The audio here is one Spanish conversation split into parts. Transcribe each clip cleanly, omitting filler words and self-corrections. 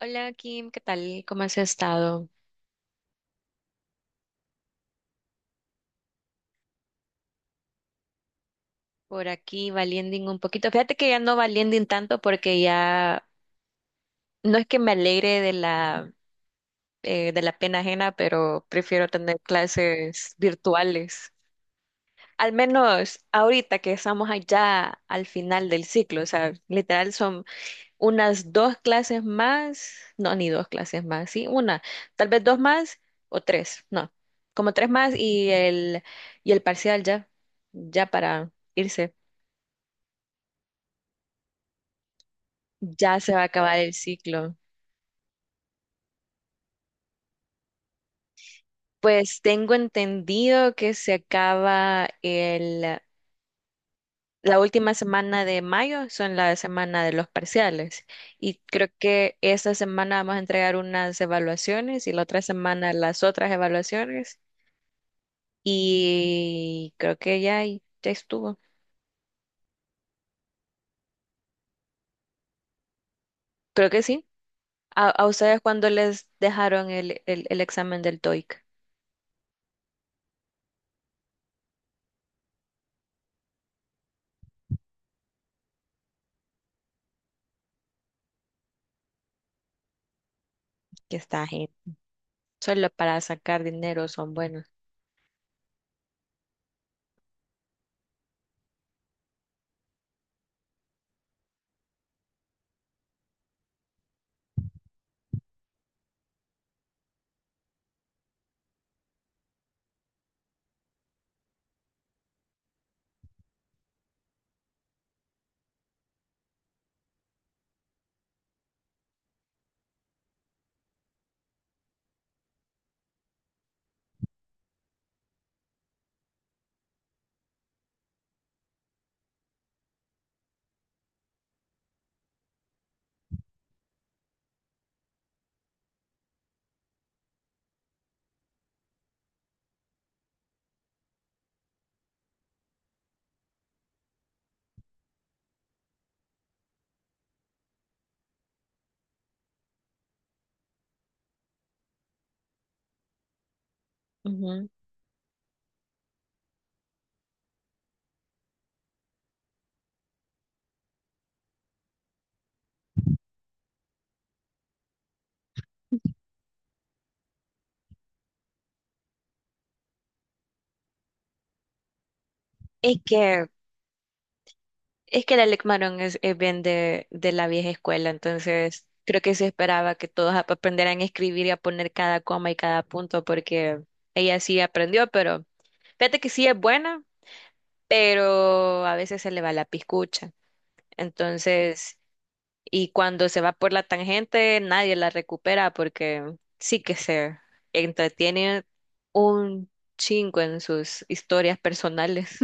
Hola Kim, ¿qué tal? ¿Cómo has estado? Por aquí valiending un poquito. Fíjate que ya no valiending tanto porque ya no es que me alegre de la pena ajena, pero prefiero tener clases virtuales. Al menos ahorita que estamos allá al final del ciclo, o sea, literal son unas dos clases más, no, ni dos clases más, sí, una, tal vez dos más o tres, no, como tres más y el parcial ya, ya para irse. Ya se va a acabar el ciclo. Pues tengo entendido que se acaba la última semana de mayo, son la semana de los parciales. Y creo que esta semana vamos a entregar unas evaluaciones y la otra semana las otras evaluaciones. Y creo que ya, ya estuvo. Creo que sí. ¿A ustedes cuándo les dejaron el examen del TOEIC? Que está gente. Solo para sacar dinero son buenos. Ujú. Es que Es que el Alec Maron es bien de la vieja escuela, entonces creo que se esperaba que todos aprendieran a escribir y a poner cada coma y cada punto, porque ella sí aprendió, pero fíjate que sí es buena, pero a veces se le va la piscucha. Entonces, y cuando se va por la tangente, nadie la recupera porque sí que se entretiene un chingo en sus historias personales.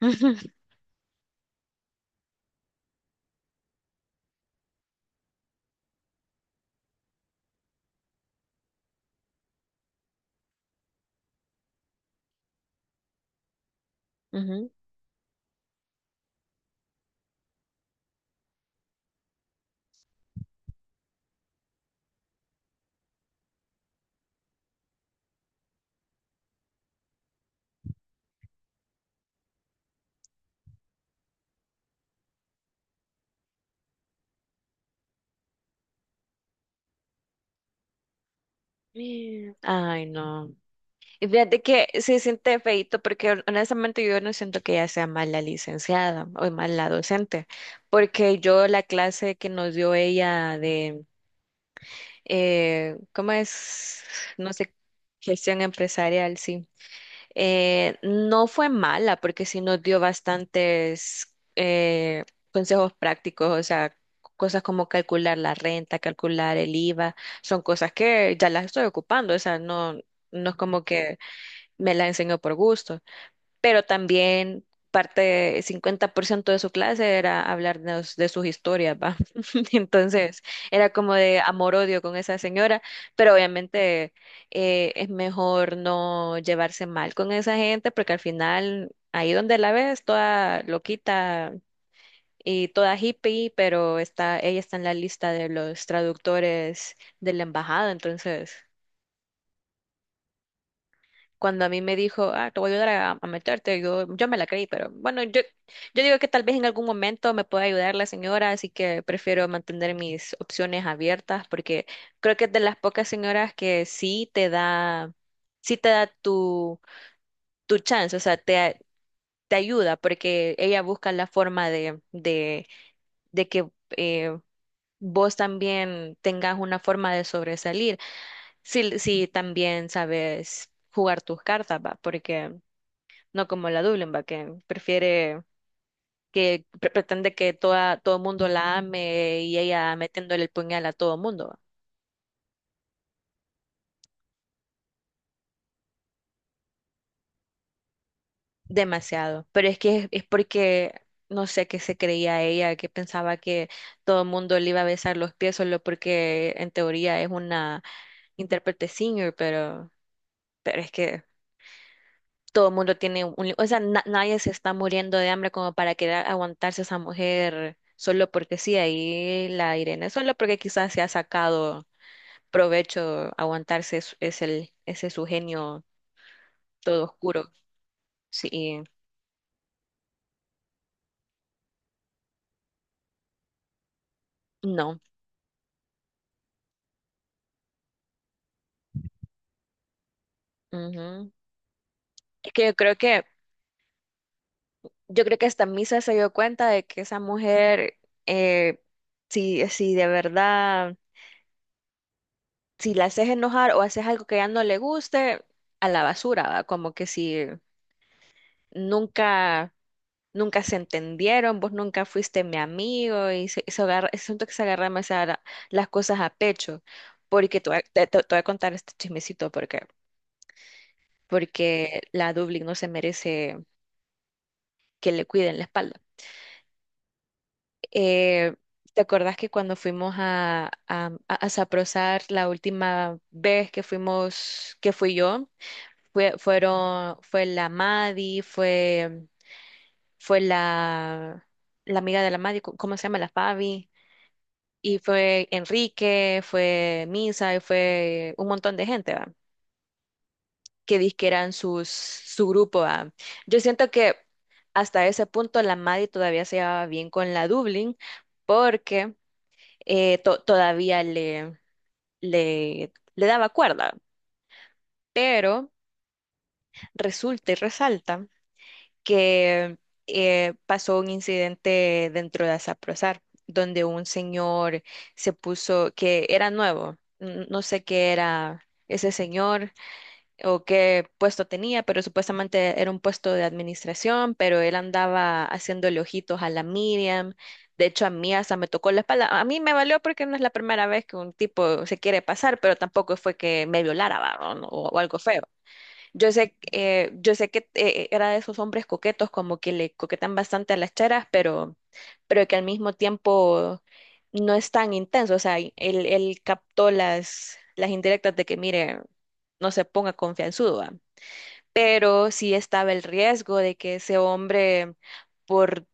Ujú. Ay, no. Y fíjate que sí siente feíto porque honestamente yo no siento que ella sea mala licenciada o mala docente, porque yo la clase que nos dio ella ¿cómo es? No sé, gestión empresarial, sí. No fue mala porque sí nos dio bastantes consejos prácticos, o sea, cosas como calcular la renta, calcular el IVA, son cosas que ya las estoy ocupando, o sea, no, no es como que me la enseñó por gusto, pero también parte, 50% de su clase era hablarnos de sus historias, ¿va? Entonces, era como de amor-odio con esa señora, pero obviamente es mejor no llevarse mal con esa gente, porque al final, ahí donde la ves, toda loquita y toda hippie, pero está, ella está en la lista de los traductores de la embajada, entonces... cuando a mí me dijo, ah, te voy a ayudar a meterte, yo me la creí, pero bueno, yo digo que tal vez en algún momento me pueda ayudar la señora, así que prefiero mantener mis opciones abiertas porque creo que es de las pocas señoras que sí te da tu chance, o sea, te ayuda porque ella busca la forma de que... eh, vos también tengas una forma de sobresalir, si también sabes jugar tus cartas, ¿va? Porque no como la Dublinba, que prefiere, que pretende que todo el mundo la ame y ella metiéndole el puñal a todo el mundo. Demasiado. Pero es que es porque, no sé qué se creía ella, que pensaba que todo el mundo le iba a besar los pies solo porque en teoría es una intérprete senior, pero es que todo el mundo tiene un... o sea, nadie se está muriendo de hambre como para querer aguantarse a esa mujer. Solo porque sí, ahí la Irene, solo porque quizás se ha sacado provecho aguantarse es el, ese su genio todo oscuro. Sí, no. Ujú. Es que yo creo que, yo creo que hasta Misa se dio cuenta de que esa mujer, eh, si de verdad, si la haces enojar o haces algo que ya no le guste, a la basura, ¿va? Como que si nunca, nunca se entendieron, vos nunca fuiste mi amigo y se agarra, siento que se agarra demasiado las cosas a pecho porque te voy a, te voy a contar este chismecito, porque la Dublín no se merece que le cuiden la espalda. Eh, ¿Te acordás que cuando fuimos a Saprosar la última vez que fuimos, que fui yo, fue la Madi, fue la, la amiga de la Madi, ¿cómo se llama? La Fabi. Y fue Enrique, fue Misa, y fue un montón de gente, ¿va? Que dizque eran sus, su grupo. Ah, yo siento que hasta ese punto la Maddie todavía se llevaba bien con la Dublin porque todavía le daba cuerda. Pero resulta y resalta que pasó un incidente dentro de Asaprozar, donde un señor se puso, que era nuevo, no sé qué era ese señor o qué puesto tenía, pero supuestamente era un puesto de administración, pero él andaba haciéndole ojitos a la Miriam. De hecho, a mí hasta me tocó la espalda. A mí me valió porque no es la primera vez que un tipo se quiere pasar, pero tampoco fue que me violara, va, O, no- o algo feo. Yo sé que era de esos hombres coquetos, como que le coquetan bastante a las cheras, pero que al mismo tiempo no es tan intenso. O sea, él captó las indirectas de que, mire, no se ponga confianzudo, ¿va? Pero sí estaba el riesgo de que ese hombre, por,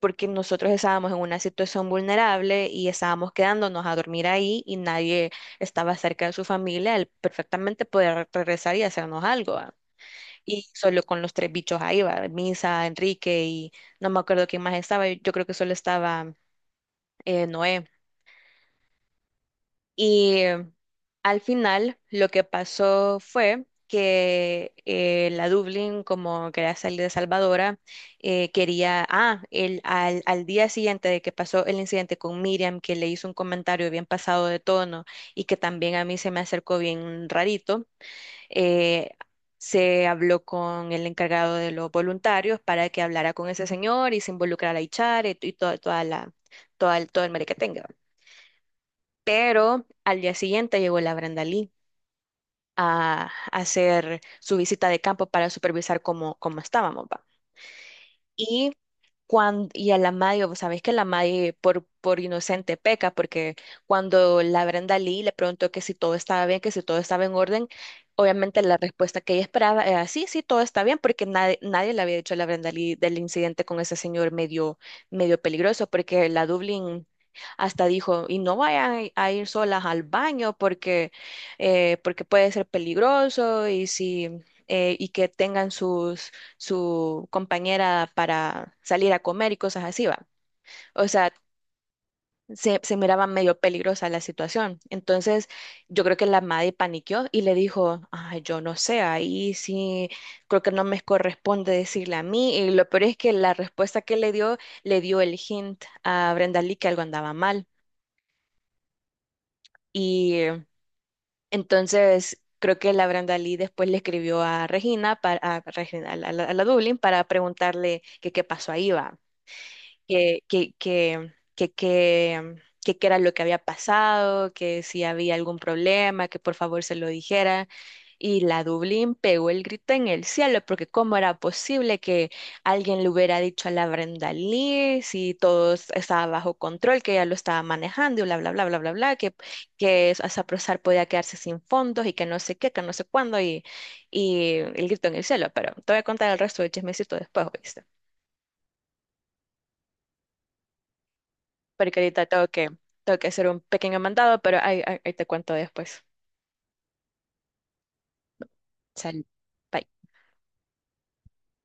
porque nosotros estábamos en una situación vulnerable y estábamos quedándonos a dormir ahí y nadie estaba cerca de su familia, él perfectamente podía regresar y hacernos algo. Y solo con los tres bichos ahí va, Misa, Enrique y no me acuerdo quién más estaba. Yo creo que solo estaba Noé. Y al final lo que pasó fue que la Dublín, como quería salir de Salvadora, quería, ah, el, al, al día siguiente de que pasó el incidente con Miriam, que le hizo un comentario bien pasado de tono y que también a mí se me acercó bien rarito, eh, se habló con el encargado de los voluntarios para que hablara con ese señor y se involucrara a Ichar y toda, todo el mere que tenga. Pero al día siguiente llegó la Brenda Lee a hacer su visita de campo para supervisar cómo, cómo estábamos, ¿va? Y, cuando, y a la Madio, vos sabés que la Madio por inocente peca, porque cuando la Brenda Lee le preguntó que si todo estaba bien, que si todo estaba en orden, obviamente la respuesta que ella esperaba era sí, sí, todo está bien, porque nadie, nadie le había dicho a la Brenda Lee del incidente con ese señor medio, medio peligroso, porque la Dublín hasta dijo, y no vayan a ir solas al baño porque, porque puede ser peligroso y si... y que tengan sus, su compañera para salir a comer y cosas así, va. O sea, se miraba medio peligrosa la situación. Entonces, yo creo que la madre paniqueó y le dijo, ay, yo no sé, ahí sí, creo que no me corresponde decirle a mí. Y lo peor es que la respuesta que le dio el hint a Brenda Lee que algo andaba mal. Y entonces... Creo que la Brenda Lee después le escribió a Regina, para, a, Regina, a la Dublin, para preguntarle que qué pasó ahí, va. que, que, que, que, que, que qué era lo que había pasado, que si había algún problema, que por favor se lo dijera. Y la Dublín pegó el grito en el cielo, porque cómo era posible que alguien le hubiera dicho a la Brenda Lee si todo estaba bajo control, que ella lo estaba manejando y bla, bla, bla, bla, bla, bla, que Saprosar podía quedarse sin fondos y que no sé qué, que no sé cuándo, y el grito en el cielo. Pero te voy a contar el resto del chismecito después, porque ahorita tengo que hacer un pequeño mandado, pero ahí, ahí ahí te cuento después. Sal. Bye.